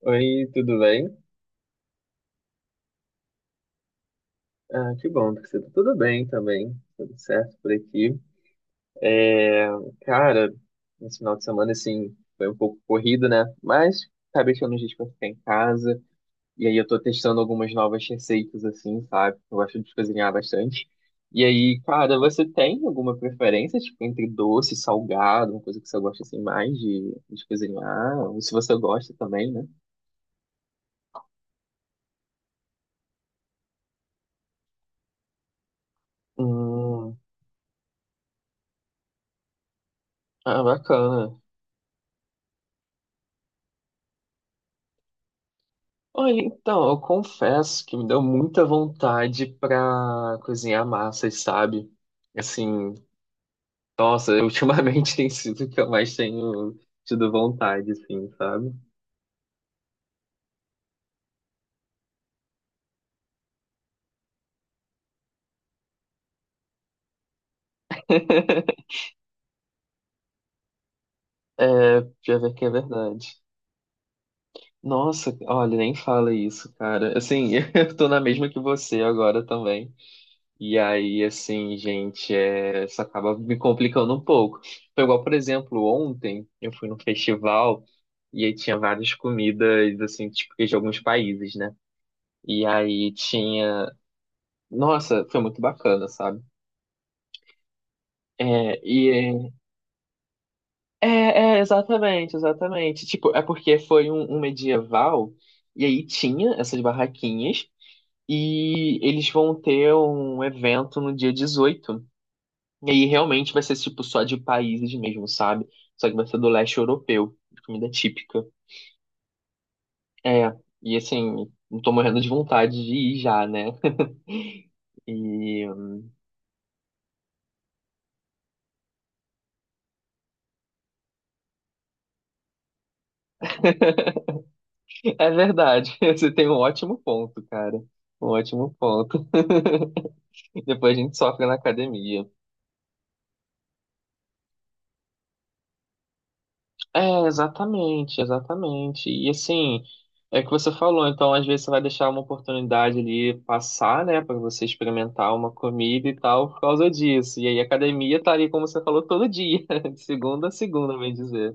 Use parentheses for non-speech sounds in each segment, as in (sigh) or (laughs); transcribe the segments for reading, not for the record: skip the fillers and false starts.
Oi, tudo bem? Ah, que bom, porque você tá tudo bem também, tudo certo por aqui. É, cara, esse final de semana, assim, foi um pouco corrido, né? Mas acabei tirando um dia pra ficar em casa, e aí eu tô testando algumas novas receitas, assim, sabe? Eu gosto de cozinhar bastante. E aí, cara, você tem alguma preferência, tipo, entre doce e salgado, uma coisa que você gosta, assim, mais de cozinhar? Ou se você gosta também, né? Hum, ah, bacana. Olha, então, eu confesso que me deu muita vontade pra cozinhar massas, sabe? Assim, nossa, (laughs) ultimamente tem sido o que eu mais tenho tido vontade, assim, sabe? (laughs) É, já ver que é verdade. Nossa, olha, nem fala isso, cara. Assim, (laughs) eu tô na mesma que você agora também. E aí, assim, gente, isso acaba me complicando um pouco. Foi igual, por exemplo, ontem eu fui num festival e aí tinha várias comidas, assim, típicas de alguns países, né? E aí tinha. Nossa, foi muito bacana, sabe? É, e é, exatamente, exatamente. Tipo, é porque foi um medieval e aí tinha essas barraquinhas e eles vão ter um evento no dia 18. E aí realmente vai ser tipo só de países mesmo, sabe? Só que vai ser do leste europeu, comida típica. É, e assim, não tô morrendo de vontade de ir já, né? E é verdade, (laughs) você tem um ótimo ponto, cara. Um ótimo ponto. (laughs) Depois a gente sofre na academia. É, exatamente, exatamente. E assim, é o que você falou, então às vezes você vai deixar uma oportunidade ali passar, né, para você experimentar uma comida e tal por causa disso. E aí a academia tá ali, como você falou, todo dia, (laughs) de segunda a segunda, bem dizer.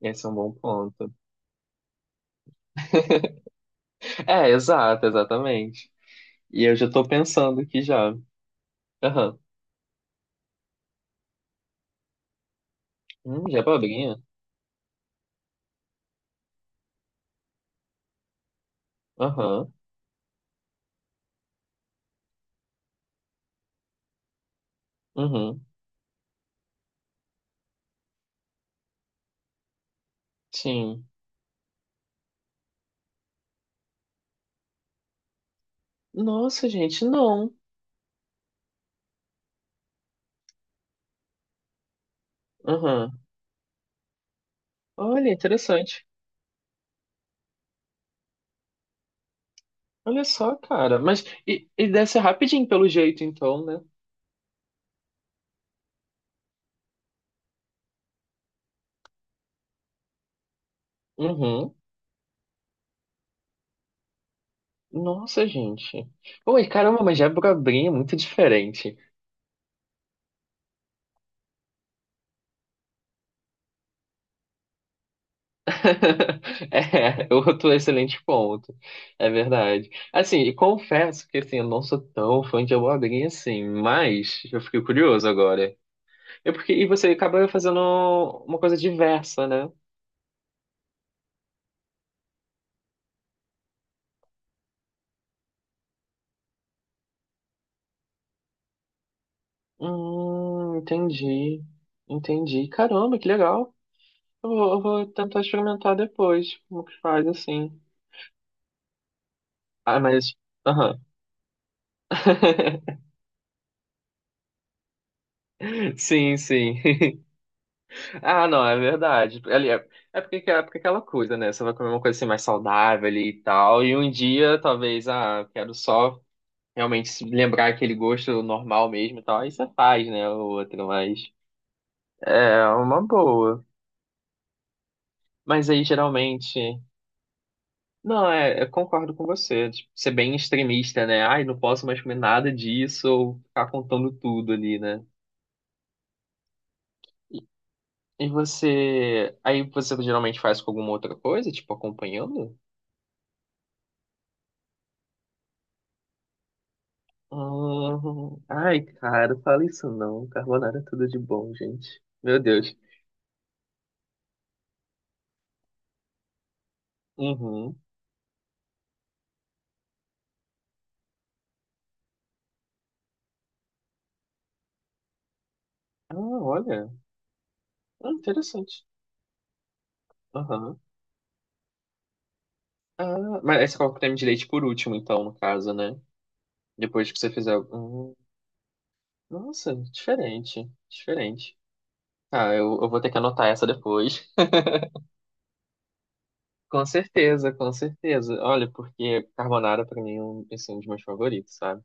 Esse é um bom ponto. É, exato, exatamente. E eu já tô pensando aqui já. Aham. Já é abobrinha? Aham. Uhum. Sim. Nossa, gente, não. Aham. Olha, interessante. Olha só, cara. Mas e deve ser rapidinho pelo jeito, então, né? Uhum. Nossa, gente. Oi, caramba, mas Jabrabrim é muito diferente. (laughs) É, outro excelente ponto. É verdade. Assim, e confesso que assim, eu não sou tão fã de abobrinha assim, mas eu fiquei curioso agora. É porque e você acaba fazendo uma coisa diversa, né? Entendi. Entendi. Caramba, que legal. Eu vou tentar experimentar depois como que faz assim. Ah, mas. Aham. (laughs) Sim, sim. (laughs) Ah, não, é verdade. Ali é porque é aquela coisa, né? Você vai comer uma coisa assim mais saudável ali e tal. E um dia, talvez, ah, quero só realmente se lembrar aquele gosto normal mesmo e tal. Aí você faz, né? O outro, mas. É uma boa. Mas aí geralmente. Não, eu concordo com você. Tipo, ser bem extremista, né? Ai, não posso mais comer nada disso ou ficar contando tudo ali, né? E, e você. Aí você geralmente faz com alguma outra coisa, tipo acompanhando? Ai, cara, fala isso não. Carbonara é tudo de bom, gente. Meu Deus. Uhum. Ah, olha. Ah, interessante. Aham. Ah, mas aí você coloca o creme de leite por último, então, no caso, né? Depois que você fizer. Nossa, diferente. Diferente. Ah, eu vou ter que anotar essa depois. Com certeza, com certeza. Olha, porque carbonara pra mim é um, assim, um dos meus favoritos, sabe?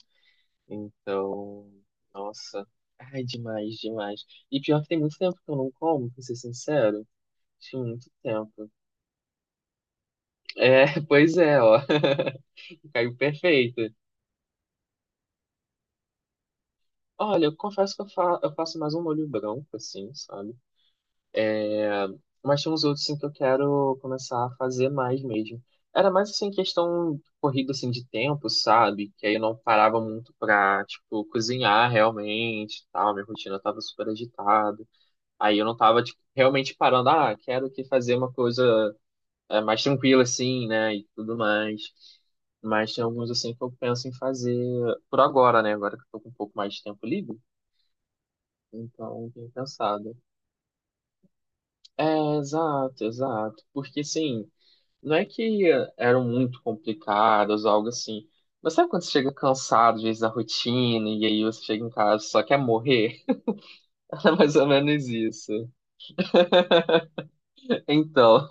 Então, nossa. Ai, demais, demais. E pior que tem muito tempo que eu não como, pra ser sincero. Tinha muito tempo. É, (laughs) pois é, ó. (laughs) Caiu perfeito. Olha, eu confesso que eu faço mais um molho branco, assim, sabe? Mas tem uns outros assim, que eu quero começar a fazer mais mesmo. Era mais assim questão corrida assim de tempo, sabe? Que aí eu não parava muito pra, tipo, cozinhar realmente, e tal, minha rotina tava super agitada. Aí eu não tava tipo realmente parando, ah, quero que fazer uma coisa mais tranquila assim, né, e tudo mais. Mas tem alguns assim que eu penso em fazer por agora, né? Agora que eu tô com um pouco mais de tempo livre, então eu tenho pensado. É, exato, exato. Porque assim, não é que eram muito complicadas, algo assim. Mas sabe quando você chega cansado, às vezes, da rotina, e aí você chega em casa e só quer morrer? (laughs) Era mais ou menos isso. Então,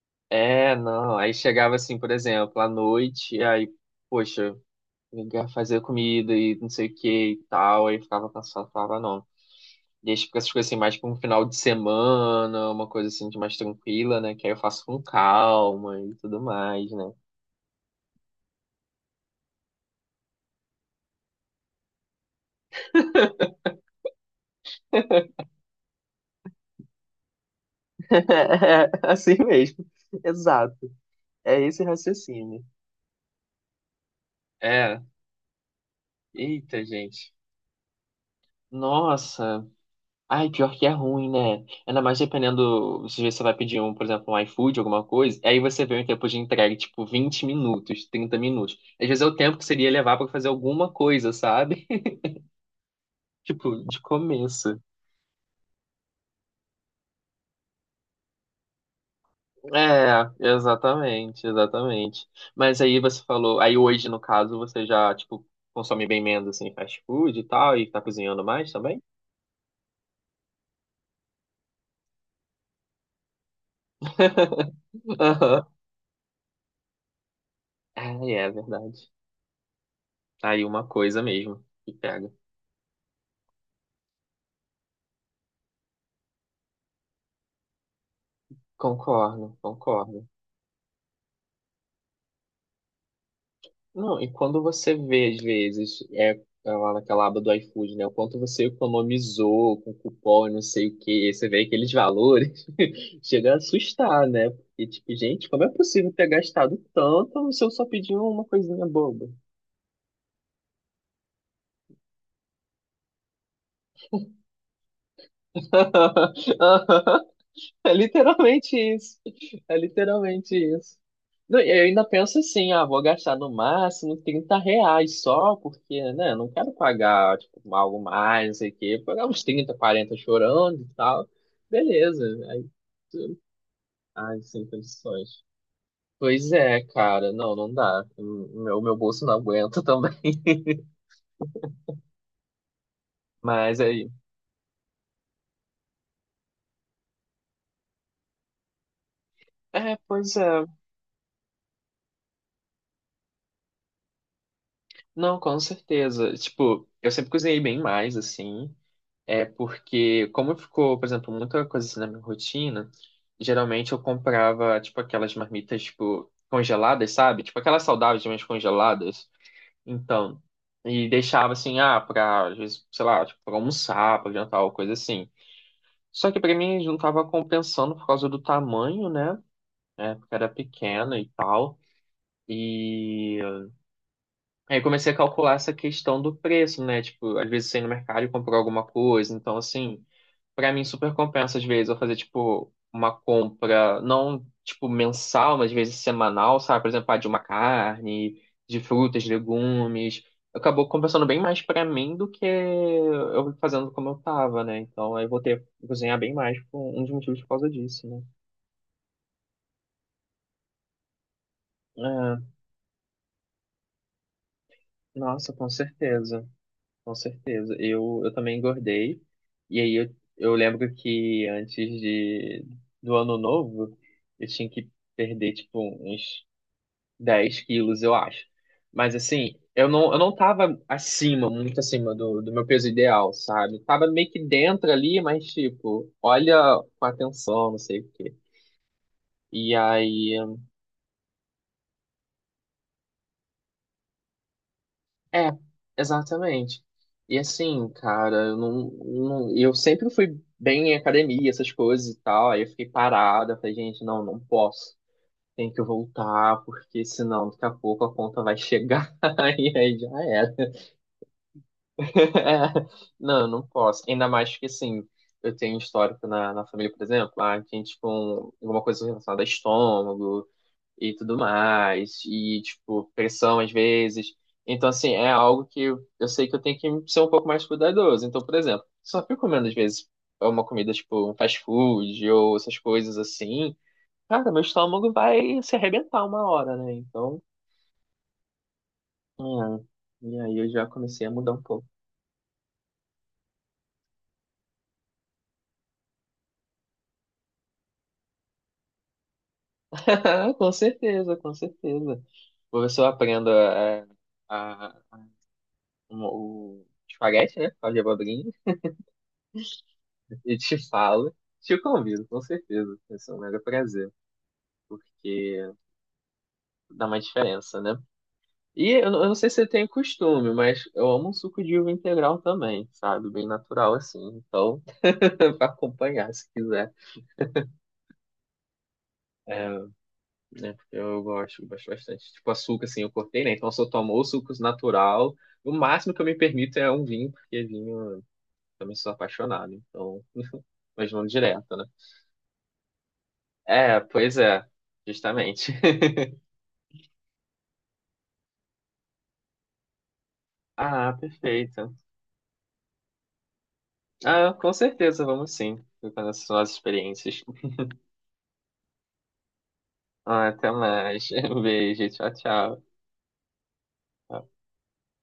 (laughs) é, não. Aí chegava assim, por exemplo, à noite, e aí, poxa, ligar, fazer comida e não sei o que e tal, aí eu ficava cansado, falava, não. E aí fica essas coisas assim, mais pra um final de semana, uma coisa assim de mais tranquila, né? Que aí eu faço com calma e tudo mais, né? (laughs) É, assim mesmo. Exato. É esse raciocínio. É. Eita, gente. Nossa. Ai, pior que é ruim, né? Ainda mais dependendo. Às vezes você vai pedir um, por exemplo, um iFood, alguma coisa. Aí você vê um tempo de entrega, tipo, 20 minutos, 30 minutos. Às vezes é o tempo que seria levar pra fazer alguma coisa, sabe? (laughs) Tipo, de começo. É, exatamente, exatamente. Mas aí você falou. Aí hoje, no caso, você já, tipo, consome bem menos, assim, fast food e tal, e tá cozinhando mais também? (laughs) Aham. Ah, é verdade. Tá aí uma coisa mesmo que pega. Concordo, concordo. Não, e quando você vê, às vezes, é lá naquela aba do iFood, né? O quanto você economizou com cupom e não sei o quê, você vê aqueles valores, (laughs) chega a assustar, né? Porque, tipo, gente, como é possível ter gastado tanto se eu só pedi uma coisinha boba? (laughs) (laughs) É literalmente isso. É literalmente isso. Não, e eu ainda penso assim, ah, vou gastar no máximo R$ 30 só, porque, né, não quero pagar, tipo, algo mais, não sei o quê. Pagar uns 30, 40 chorando e tal. Beleza. Aí, tu- ai, sem condições. Pois é, cara, não, não dá. O meu bolso não aguenta (laughs) também. Mas aí. É, pois é. Não, com certeza. Tipo, eu sempre cozinhei bem mais, assim. É porque, como ficou, por exemplo, muita coisa assim na minha rotina, geralmente eu comprava, tipo, aquelas marmitas, tipo, congeladas, sabe? Tipo, aquelas saudáveis, mas congeladas. Então, e deixava assim, ah, pra, às vezes, sei lá, tipo, pra almoçar, pra jantar, ou coisa assim. Só que pra mim não tava compensando por causa do tamanho, né? É, porque era pequena e tal. E aí eu comecei a calcular essa questão do preço, né? Tipo, às vezes você ia no mercado e comprou alguma coisa, então assim. Pra mim, super compensa, às vezes, eu fazer, tipo, uma compra, não, tipo, mensal, mas às vezes semanal, sabe? Por exemplo, ah, de uma carne, de frutas, legumes. Acabou compensando bem mais pra mim do que eu fazendo como eu tava, né? Então, aí eu vou ter que cozinhar bem mais por um dos motivos por causa disso, né? É, nossa, com certeza, com certeza. Eu também engordei. E aí, eu lembro que antes do ano novo, eu tinha que perder, tipo, uns 10 quilos, eu acho. Mas assim, eu não tava acima, muito acima do meu peso ideal, sabe? Tava meio que dentro ali, mas tipo, olha com atenção, não sei o quê. E aí, é, exatamente. E assim, cara, eu não, não, eu sempre fui bem em academia, essas coisas e tal. Aí eu fiquei parada, falei, gente, não, não posso. Tem que voltar, porque senão daqui a pouco a conta vai chegar (laughs) e aí já era. (laughs) Não, eu não posso. Ainda mais que, assim, eu tenho histórico na família, por exemplo, a gente com alguma coisa relacionada a estômago e tudo mais, e, tipo, pressão às vezes. Então, assim, é algo que eu sei que eu tenho que ser um pouco mais cuidadoso. Então, por exemplo, se eu fico comendo, às vezes, uma comida, tipo, um fast food ou essas coisas assim, cara, meu estômago vai se arrebentar uma hora, né? Então, é. E aí eu já comecei a mudar um pouco. (laughs) Ah, com certeza, com certeza. O professor aprenda a, o espaguete, né? Fala de abobrinha (laughs) e te fala. Te convido, com certeza. Vai ser um mega prazer, porque dá uma diferença, né? E eu não sei se você tem costume, mas eu amo um suco de uva integral também, sabe? Bem natural assim. Então, (laughs) pra acompanhar, se quiser. É, né? Porque eu gosto, gosto bastante. Tipo, açúcar, assim, eu cortei, né? Então, eu só tomo o suco natural. O máximo que eu me permito é um vinho, porque vinho também sou apaixonado. Então, mas não direto, né? É, pois é, justamente. (laughs) Ah, perfeito. Ah, com certeza, vamos sim. Ficando essas nossas experiências. Ah, até mais. (laughs) Um beijo, tchau, tchau.